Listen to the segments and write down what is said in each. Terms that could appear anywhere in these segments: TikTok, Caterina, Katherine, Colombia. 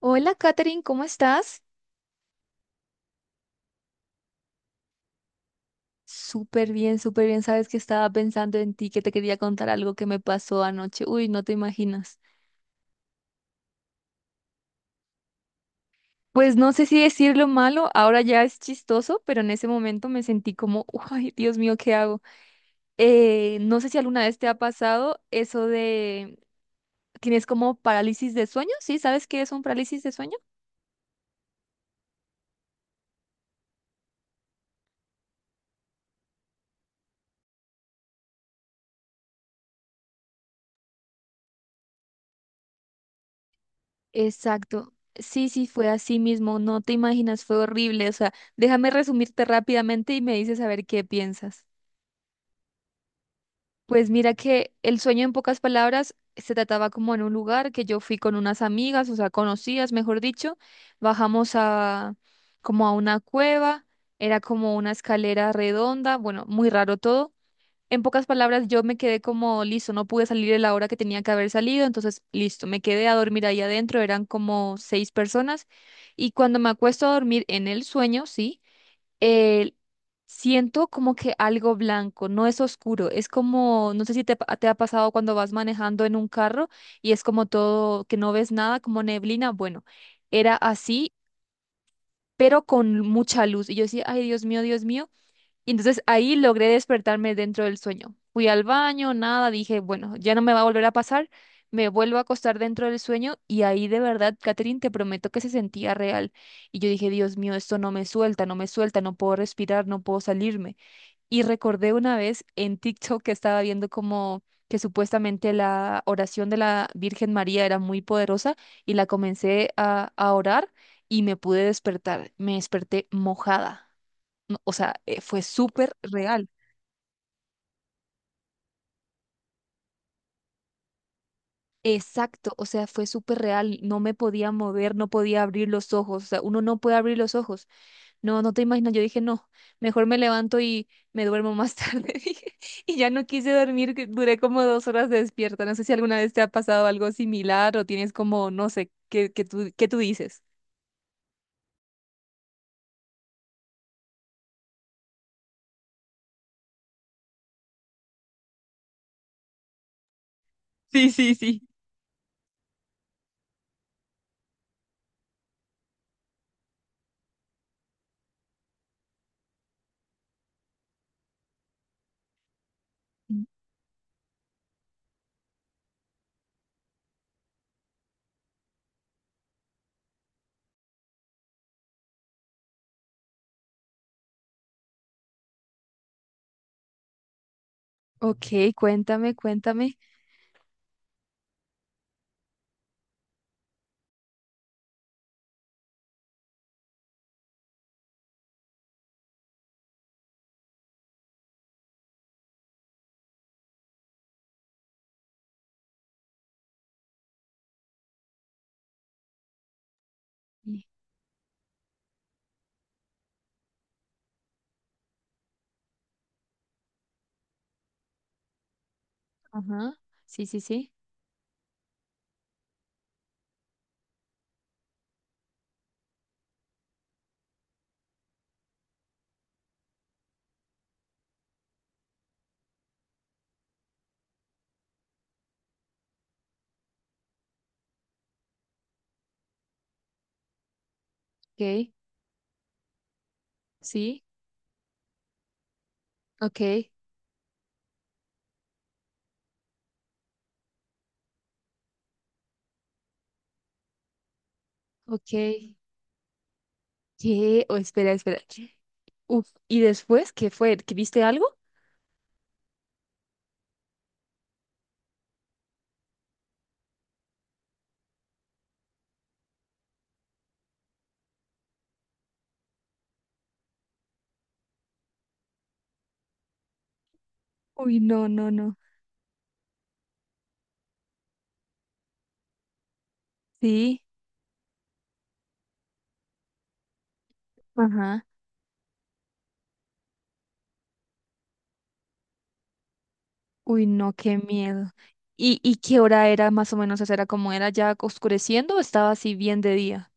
Hola, Katherine, ¿cómo estás? Súper bien, súper bien. Sabes que estaba pensando en ti, que te quería contar algo que me pasó anoche. Uy, no te imaginas. Pues no sé si decirlo malo, ahora ya es chistoso, pero en ese momento me sentí como, ay, Dios mío, ¿qué hago? No sé si alguna vez te ha pasado eso de, ¿tienes como parálisis de sueño? ¿Sí? ¿Sabes qué es un parálisis de sueño? Exacto. Sí, sí, fue así mismo. No te imaginas, fue horrible. O sea, déjame resumirte rápidamente y me dices a ver qué piensas. Pues mira que el sueño en pocas palabras se trataba como en un lugar que yo fui con unas amigas, o sea, conocidas, mejor dicho, bajamos a como a una cueva, era como una escalera redonda, bueno, muy raro todo. En pocas palabras yo me quedé como listo, no pude salir a la hora que tenía que haber salido, entonces listo, me quedé a dormir ahí adentro, eran como seis personas y cuando me acuesto a dormir en el sueño, sí eh, siento como que algo blanco, no es oscuro, es como, no sé si te ha pasado cuando vas manejando en un carro y es como todo, que no ves nada, como neblina, bueno, era así, pero con mucha luz. Y yo decía, ay, Dios mío, Dios mío. Y entonces ahí logré despertarme dentro del sueño. Fui al baño, nada, dije, bueno, ya no me va a volver a pasar. Me vuelvo a acostar dentro del sueño y ahí de verdad, Catherine, te prometo que se sentía real. Y yo dije, Dios mío, esto no me suelta, no me suelta, no puedo respirar, no puedo salirme. Y recordé una vez en TikTok que estaba viendo como que supuestamente la oración de la Virgen María era muy poderosa y la comencé a orar y me pude despertar. Me desperté mojada no, o sea, fue súper real. Exacto, o sea, fue súper real. No me podía mover, no podía abrir los ojos. O sea, uno no puede abrir los ojos. No, no te imaginas. Yo dije, no, mejor me levanto y me duermo más tarde. dije. Y ya no quise dormir, que duré como 2 horas despierta. No sé si alguna vez te ha pasado algo similar o tienes como, no sé, ¿qué tú dices? Sí, sí, sí. Mm. Ok, cuéntame, cuéntame. Y- Ajá, sí, sí, sí. Ok, sí, ok, ok. ¿Qué? Oh, espera, espera. Uf, ¿y después qué fue? ¿Que viste algo? Uy, no, no, no. Sí. Ajá. Uy, no, qué miedo. ¿Y qué hora era más o menos? O sea, ¿era como era ya oscureciendo o estaba así bien de día?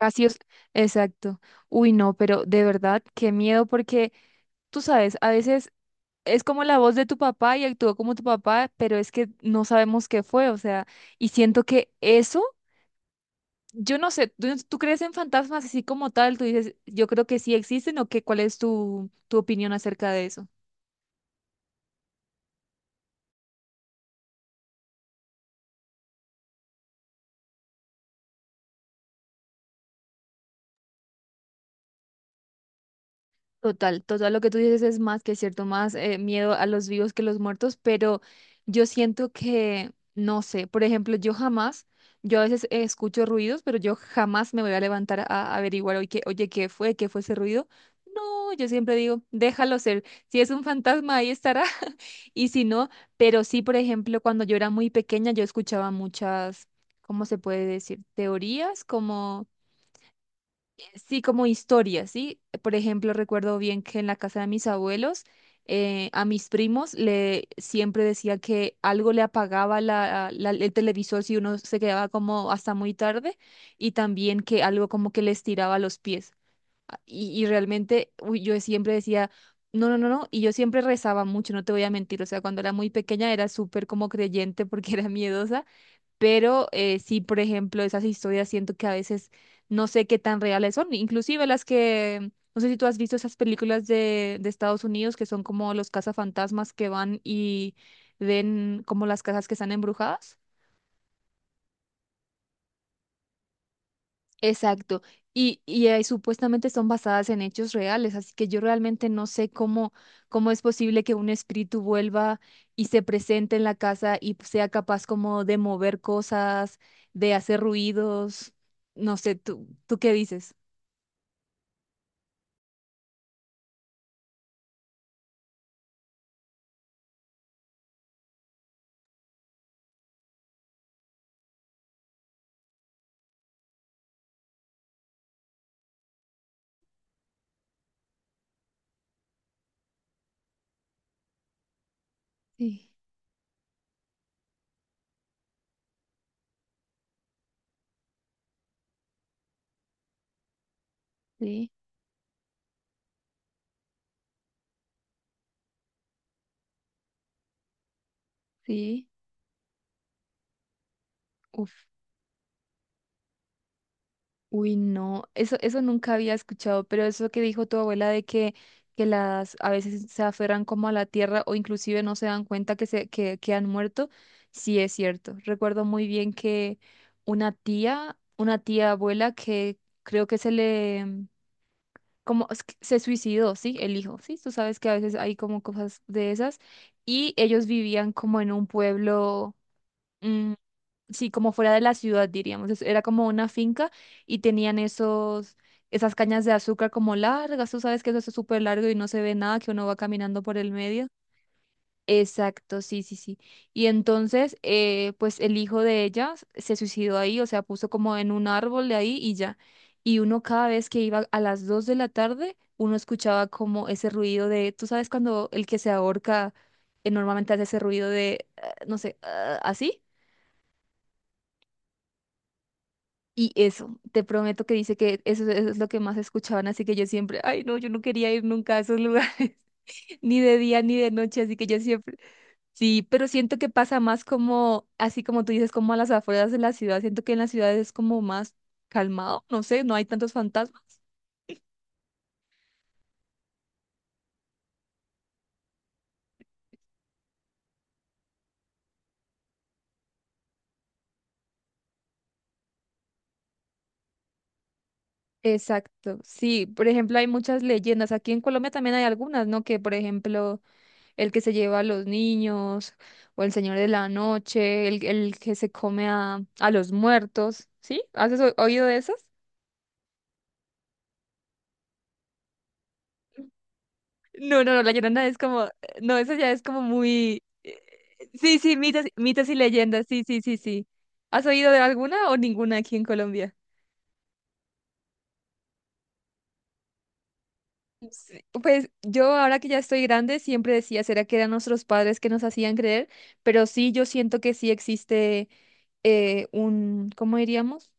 Casi os. Exacto. Uy, no, pero de verdad, qué miedo porque tú sabes, a veces es como la voz de tu papá y actuó como tu papá, pero es que no sabemos qué fue, o sea, y siento que eso. Yo no sé, ¿tú crees en fantasmas así como tal? Tú dices, yo creo que sí existen o qué, ¿cuál es tu opinión acerca de eso? Total, total, lo que tú dices es más que cierto, más miedo a los vivos que los muertos, pero yo siento que, no sé, por ejemplo, yo jamás, yo a veces escucho ruidos, pero yo jamás me voy a levantar a averiguar, oye, ¿qué fue? ¿Qué fue ese ruido? No, yo siempre digo, déjalo ser, si es un fantasma, ahí estará. Y si no, pero sí, por ejemplo, cuando yo era muy pequeña, yo escuchaba muchas, ¿cómo se puede decir? Teorías, como, sí, como historias, ¿sí? Por ejemplo, recuerdo bien que en la casa de mis abuelos, a mis primos le siempre decía que algo le apagaba la, el televisor si uno se quedaba como hasta muy tarde, y también que algo como que les tiraba los pies. Y realmente, uy, yo siempre decía, no, no, no, no, y yo siempre rezaba mucho, no te voy a mentir, o sea, cuando era muy pequeña era súper como creyente porque era miedosa, pero sí, por ejemplo, esas historias siento que a veces no sé qué tan reales son, inclusive las que, no sé si tú has visto esas películas de Estados Unidos que son como los cazafantasmas que van y ven como las casas que están embrujadas. Exacto. Y supuestamente son basadas en hechos reales, así que yo realmente no sé cómo es posible que un espíritu vuelva y se presente en la casa y sea capaz como de mover cosas, de hacer ruidos. No sé, ¿tú qué dices? Sí, sí, sí. Uf. Uy, no, eso nunca había escuchado, pero eso que dijo tu abuela de que, las a veces se aferran como a la tierra o inclusive no se dan cuenta que, se, que han muerto, sí es cierto. Recuerdo muy bien que una tía abuela que creo que como es que se suicidó, ¿sí? El hijo, ¿sí? Tú sabes que a veces hay como cosas de esas y ellos vivían como en un pueblo. Mm, sí, como fuera de la ciudad, diríamos. Era como una finca y tenían esas cañas de azúcar como largas. Tú sabes que eso es súper largo y no se ve nada, que uno va caminando por el medio. Exacto, sí, sí, sí. Y entonces, pues el hijo de ella se suicidó ahí, o sea, puso como en un árbol de ahí y ya. Y uno cada vez que iba a las 2 de la tarde, uno escuchaba como ese ruido de, tú sabes, cuando el que se ahorca normalmente hace ese ruido de, no sé, ah, así. Y eso, te prometo que dice que eso es lo que más escuchaban, así que yo siempre, ay no, yo no quería ir nunca a esos lugares, ni de día ni de noche, así que yo siempre, sí, pero siento que pasa más como, así como tú dices, como a las afueras de la ciudad, siento que en la ciudad es como más calmado, no sé, no hay tantos fantasmas. Exacto, sí, por ejemplo, hay muchas leyendas, aquí en Colombia también hay algunas, ¿no? Que por ejemplo, el que se lleva a los niños, o el señor de la noche, el que se come a los muertos, ¿sí? ¿Has oído de esas? No, no, no, la Llorona es como, no, esa ya es como muy, sí, sí, mitos y leyendas, sí, sí, sí, sí. ¿Has oído de alguna o ninguna aquí en Colombia? Sí, pues yo ahora que ya estoy grande siempre decía, ¿será que eran nuestros padres que nos hacían creer? Pero sí, yo siento que sí existe un, ¿cómo diríamos?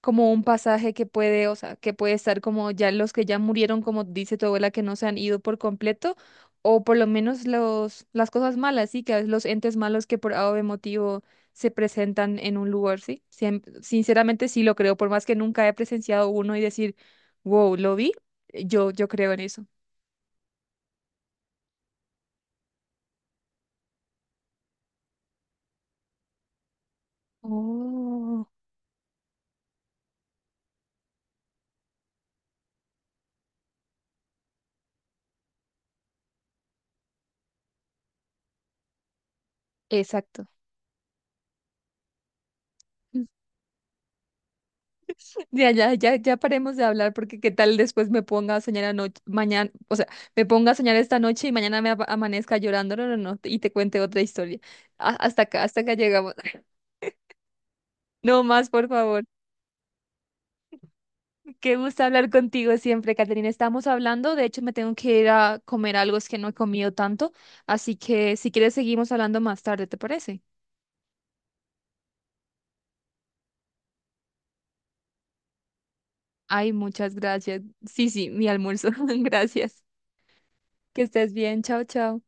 Como un pasaje que puede, o sea, que puede estar como ya los que ya murieron, como dice tu abuela, que no se han ido por completo, o por lo menos las cosas malas, sí, que los entes malos que por algún motivo se presentan en un lugar, sí. Sinceramente sí lo creo, por más que nunca he presenciado uno y decir, wow, lo vi, yo creo en eso. Oh. Exacto. Ya, ya, ya, ya paremos de hablar porque qué tal después me ponga a soñar anoche, mañana, o sea, me ponga a soñar esta noche y mañana me amanezca llorando, no, no, no, y te cuente otra historia. Ah, hasta acá llegamos. No más, por favor. Qué gusto hablar contigo siempre, Caterina. Estamos hablando, de hecho me tengo que ir a comer algo, es que no he comido tanto, así que si quieres seguimos hablando más tarde, ¿te parece? Ay, muchas gracias. Sí, sí, mi almuerzo. Gracias. Que estés bien. Chao, chao.